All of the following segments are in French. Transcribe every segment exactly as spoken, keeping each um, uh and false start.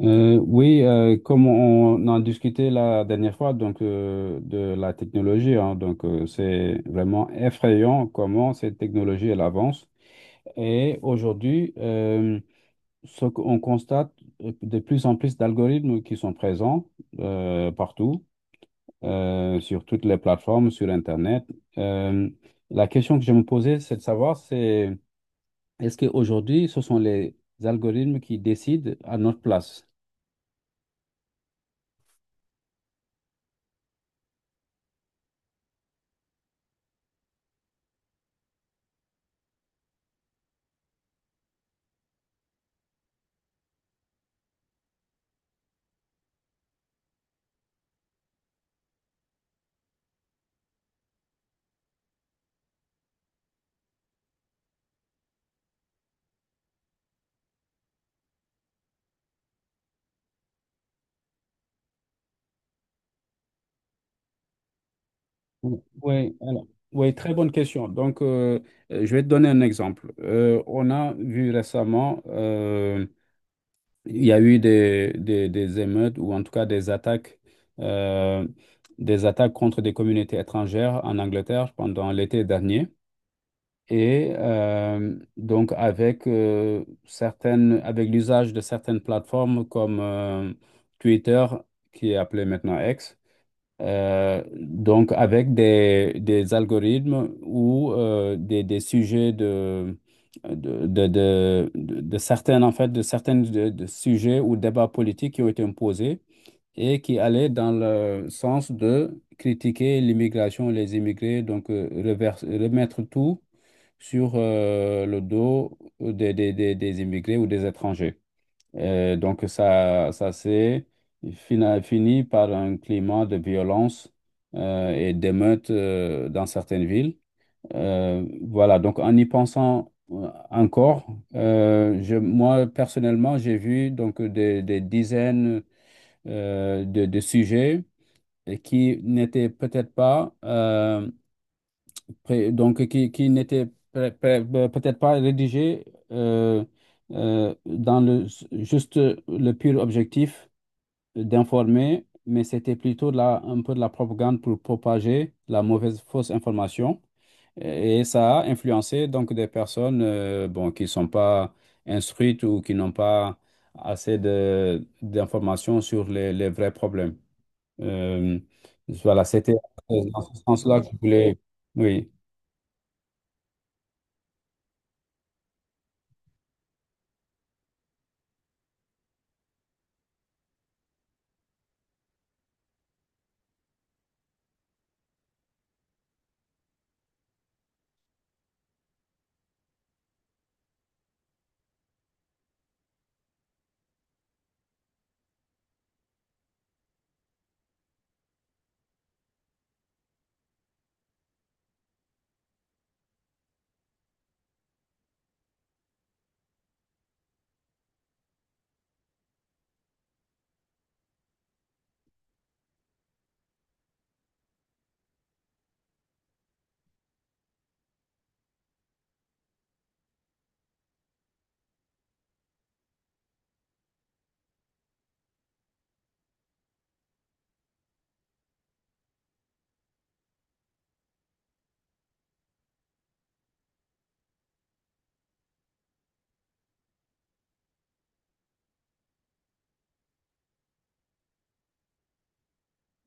Euh, oui, euh, comme on en discutait la dernière fois, donc euh, de la technologie, hein, donc euh, c'est vraiment effrayant comment cette technologie elle avance. Et aujourd'hui, euh, ce qu'on constate, euh, de plus en plus d'algorithmes qui sont présents euh, partout, euh, sur toutes les plateformes, sur Internet. Euh, la question que je me posais, c'est de savoir, c'est est-ce qu'aujourd'hui, ce sont les algorithmes qui décident à notre place? Oui, alors, oui, très bonne question. Donc, euh, euh, je vais te donner un exemple. Euh, on a vu récemment, euh, il y a eu des, des, des émeutes ou en tout cas des attaques, euh, des attaques contre des communautés étrangères en Angleterre pendant l'été dernier. Et euh, donc, avec euh, certaines, avec l'usage de certaines plateformes comme euh, Twitter, qui est appelé maintenant X. Euh, donc, avec des, des algorithmes ou euh, des, des sujets de, de, de, de, de- de certaines, en fait, de certains de, de sujets ou débats politiques qui ont été imposés et qui allaient dans le sens de critiquer l'immigration, les immigrés, donc euh, reverse- remettre tout sur euh, le dos des, des, des, des immigrés ou des étrangers. Et donc, ça, ça s'est fina- fini par un climat de violence euh, et d'émeutes euh, dans certaines villes. Euh, voilà, donc en y pensant euh, encore, euh, je, moi personnellement, j'ai vu donc des, des dizaines euh, de, de sujets et qui n'étaient peut-être pas euh, pré- donc qui, qui n'étaient pré- pré- peut-être pas rédigés euh, euh, dans le juste le pur objectif d'informer, mais c'était plutôt de la, un peu de la propagande pour propager la mauvaise, fausse information. Et ça a influencé donc des personnes euh, bon, qui ne sont pas instruites ou qui n'ont pas assez de, d'informations sur les, les vrais problèmes. Euh, voilà, c'était dans ce sens-là que je voulais. Oui.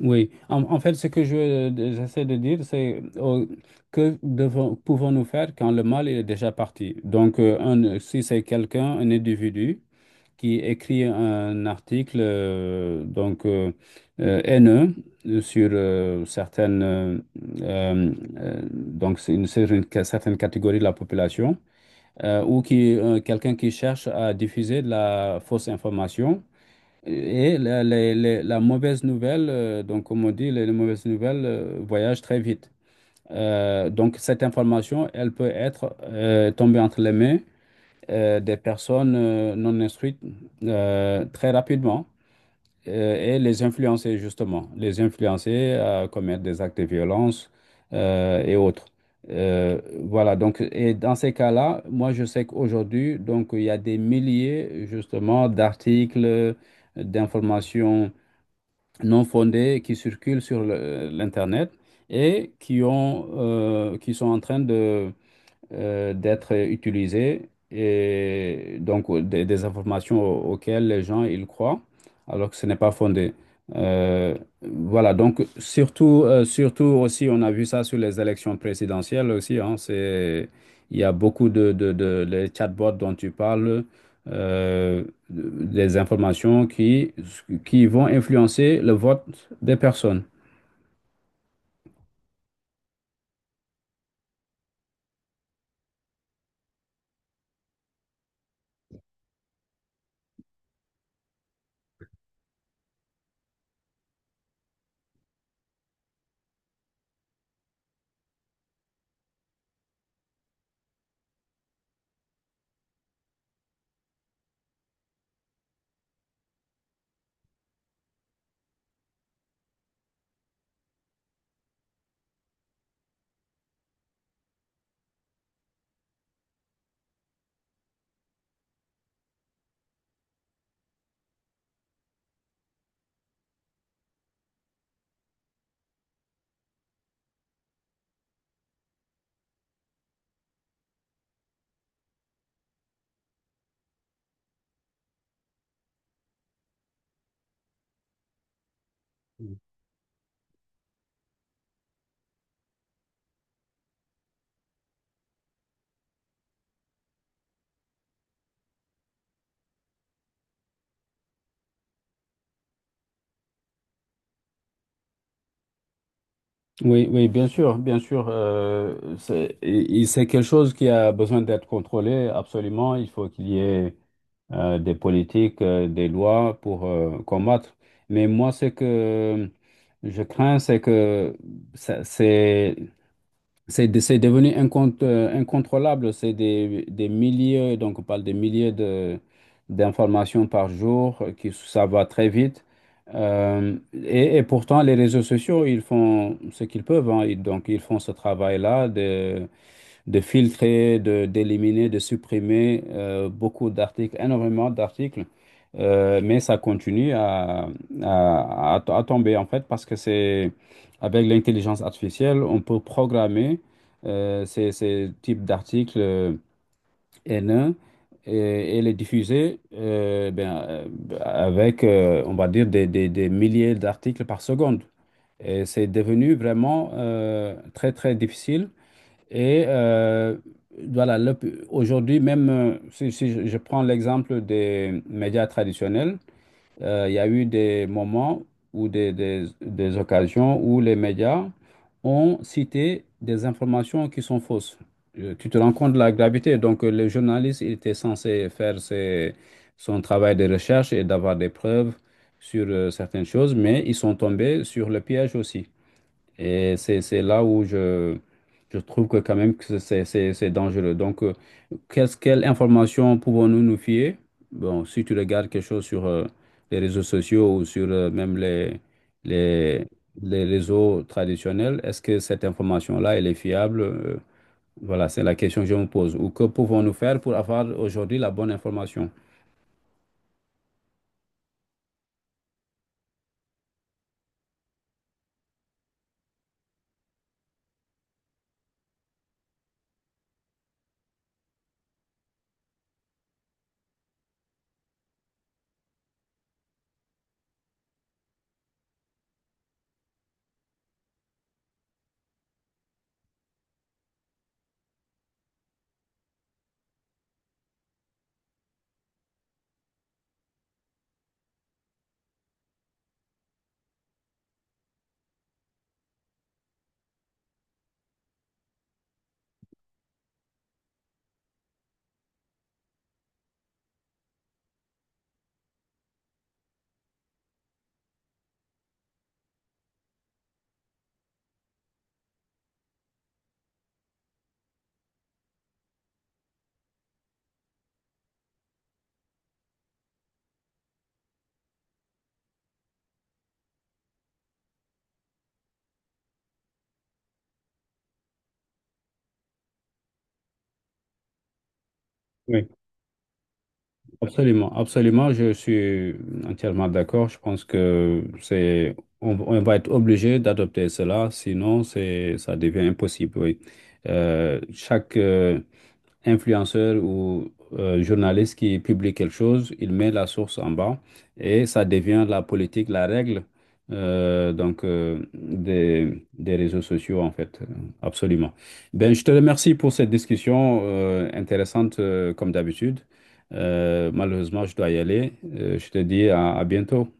Oui, en, en fait, ce que je, j'essaie de dire, c'est euh, que devons- pouvons-nous faire quand le mal est déjà parti? Donc, euh, un- si c'est quelqu'un, un individu qui écrit un article euh, donc euh, euh, haineux sur euh, certaines euh, euh, euh, donc c'est une, sur une ca- certaine catégorie de la population euh, ou qui euh, quelqu'un qui cherche à diffuser de la fausse information. Et la, la- la- la mauvaise nouvelle, euh, donc comme on dit, les, les mauvaises nouvelles euh, voyagent très vite. Euh, donc cette information, elle peut être euh, tombée entre les mains euh, des personnes euh, non instruites euh, très rapidement euh, et les influencer justement, les influencer à commettre des actes de violence euh, et autres. Euh, voilà, donc, et dans ces cas-là, moi je sais qu'aujourd'hui, donc, il y a des milliers justement d'articles, d'informations non fondées qui circulent sur le- l'Internet et qui ont, euh, qui sont en train de, euh, d'être utilisées et donc euh, des, des informations au- auxquelles les gens ils croient alors que ce n'est pas fondé. Euh, voilà, donc surtout, euh, surtout aussi, on a vu ça sur les élections présidentielles aussi, hein, c'est, il y a beaucoup de, de, de les chatbots dont tu parles, euh, des informations qui, qui vont influencer le vote des personnes. Oui, oui, bien sûr, bien sûr. Euh, c'est et- et c'est quelque chose qui a besoin d'être contrôlé, absolument. Il faut qu'il y ait euh, des politiques, euh, des lois pour euh, combattre. Mais moi, ce que je crains, c'est que ça- c'est c'est de- c'est devenu incont- euh, incontrôlable. C'est des, des milliers, donc on parle des milliers de, d'informations par jour, euh, qui, ça va très vite. Euh, et, et pourtant, les réseaux sociaux, ils font ce qu'ils peuvent, hein. Ils- donc, ils font ce travail-là de filtrer, de, d'éliminer, de supprimer euh, beaucoup d'articles, énormément d'articles. Euh, mais ça continue à, à, à to- à tomber en fait parce que c'est avec l'intelligence artificielle, on peut programmer euh, ces, ces types d'articles euh, haineux et, et les diffuser euh, ben, euh, avec, euh, on va dire, des, des, des milliers d'articles par seconde. Et c'est devenu vraiment euh, très, très difficile et euh, voilà, le- aujourd'hui même, euh, si, si je je prends l'exemple des médias traditionnels, euh, il y a eu des moments ou des, des, des occasions où les médias ont cité des informations qui sont fausses. Euh, Tu te rends compte de la gravité. Donc, euh, le journaliste il était censé faire ses- son travail de recherche et d'avoir des preuves sur euh, certaines choses, mais ils sont tombés sur le piège aussi. Et c'est, c'est là où je, je trouve que quand même que c'est c'est- c'est dangereux. Donc, euh, qu'est-ce, quelle information pouvons-nous nous fier? Bon, si tu regardes quelque chose sur euh, les réseaux sociaux ou sur euh, même les, les, les réseaux traditionnels, est-ce que cette information-là, elle est fiable? Euh, voilà, c'est la question que je me pose. Ou que pouvons-nous faire pour avoir aujourd'hui la bonne information? Oui. Absolument, absolument, je suis entièrement d'accord. Je pense que c'est, on, on va être obligé d'adopter cela, sinon c'est, ça devient impossible. Oui. Euh, chaque, euh, Influenceur ou euh, journaliste qui publie quelque chose, il met la source en bas et ça devient la politique, la règle euh, donc euh, des, des réseaux sociaux en fait, euh, absolument. Ben, je te remercie pour cette discussion euh, intéressante euh, comme d'habitude. Euh, malheureusement, je dois y aller. Euh, je te dis à à bientôt.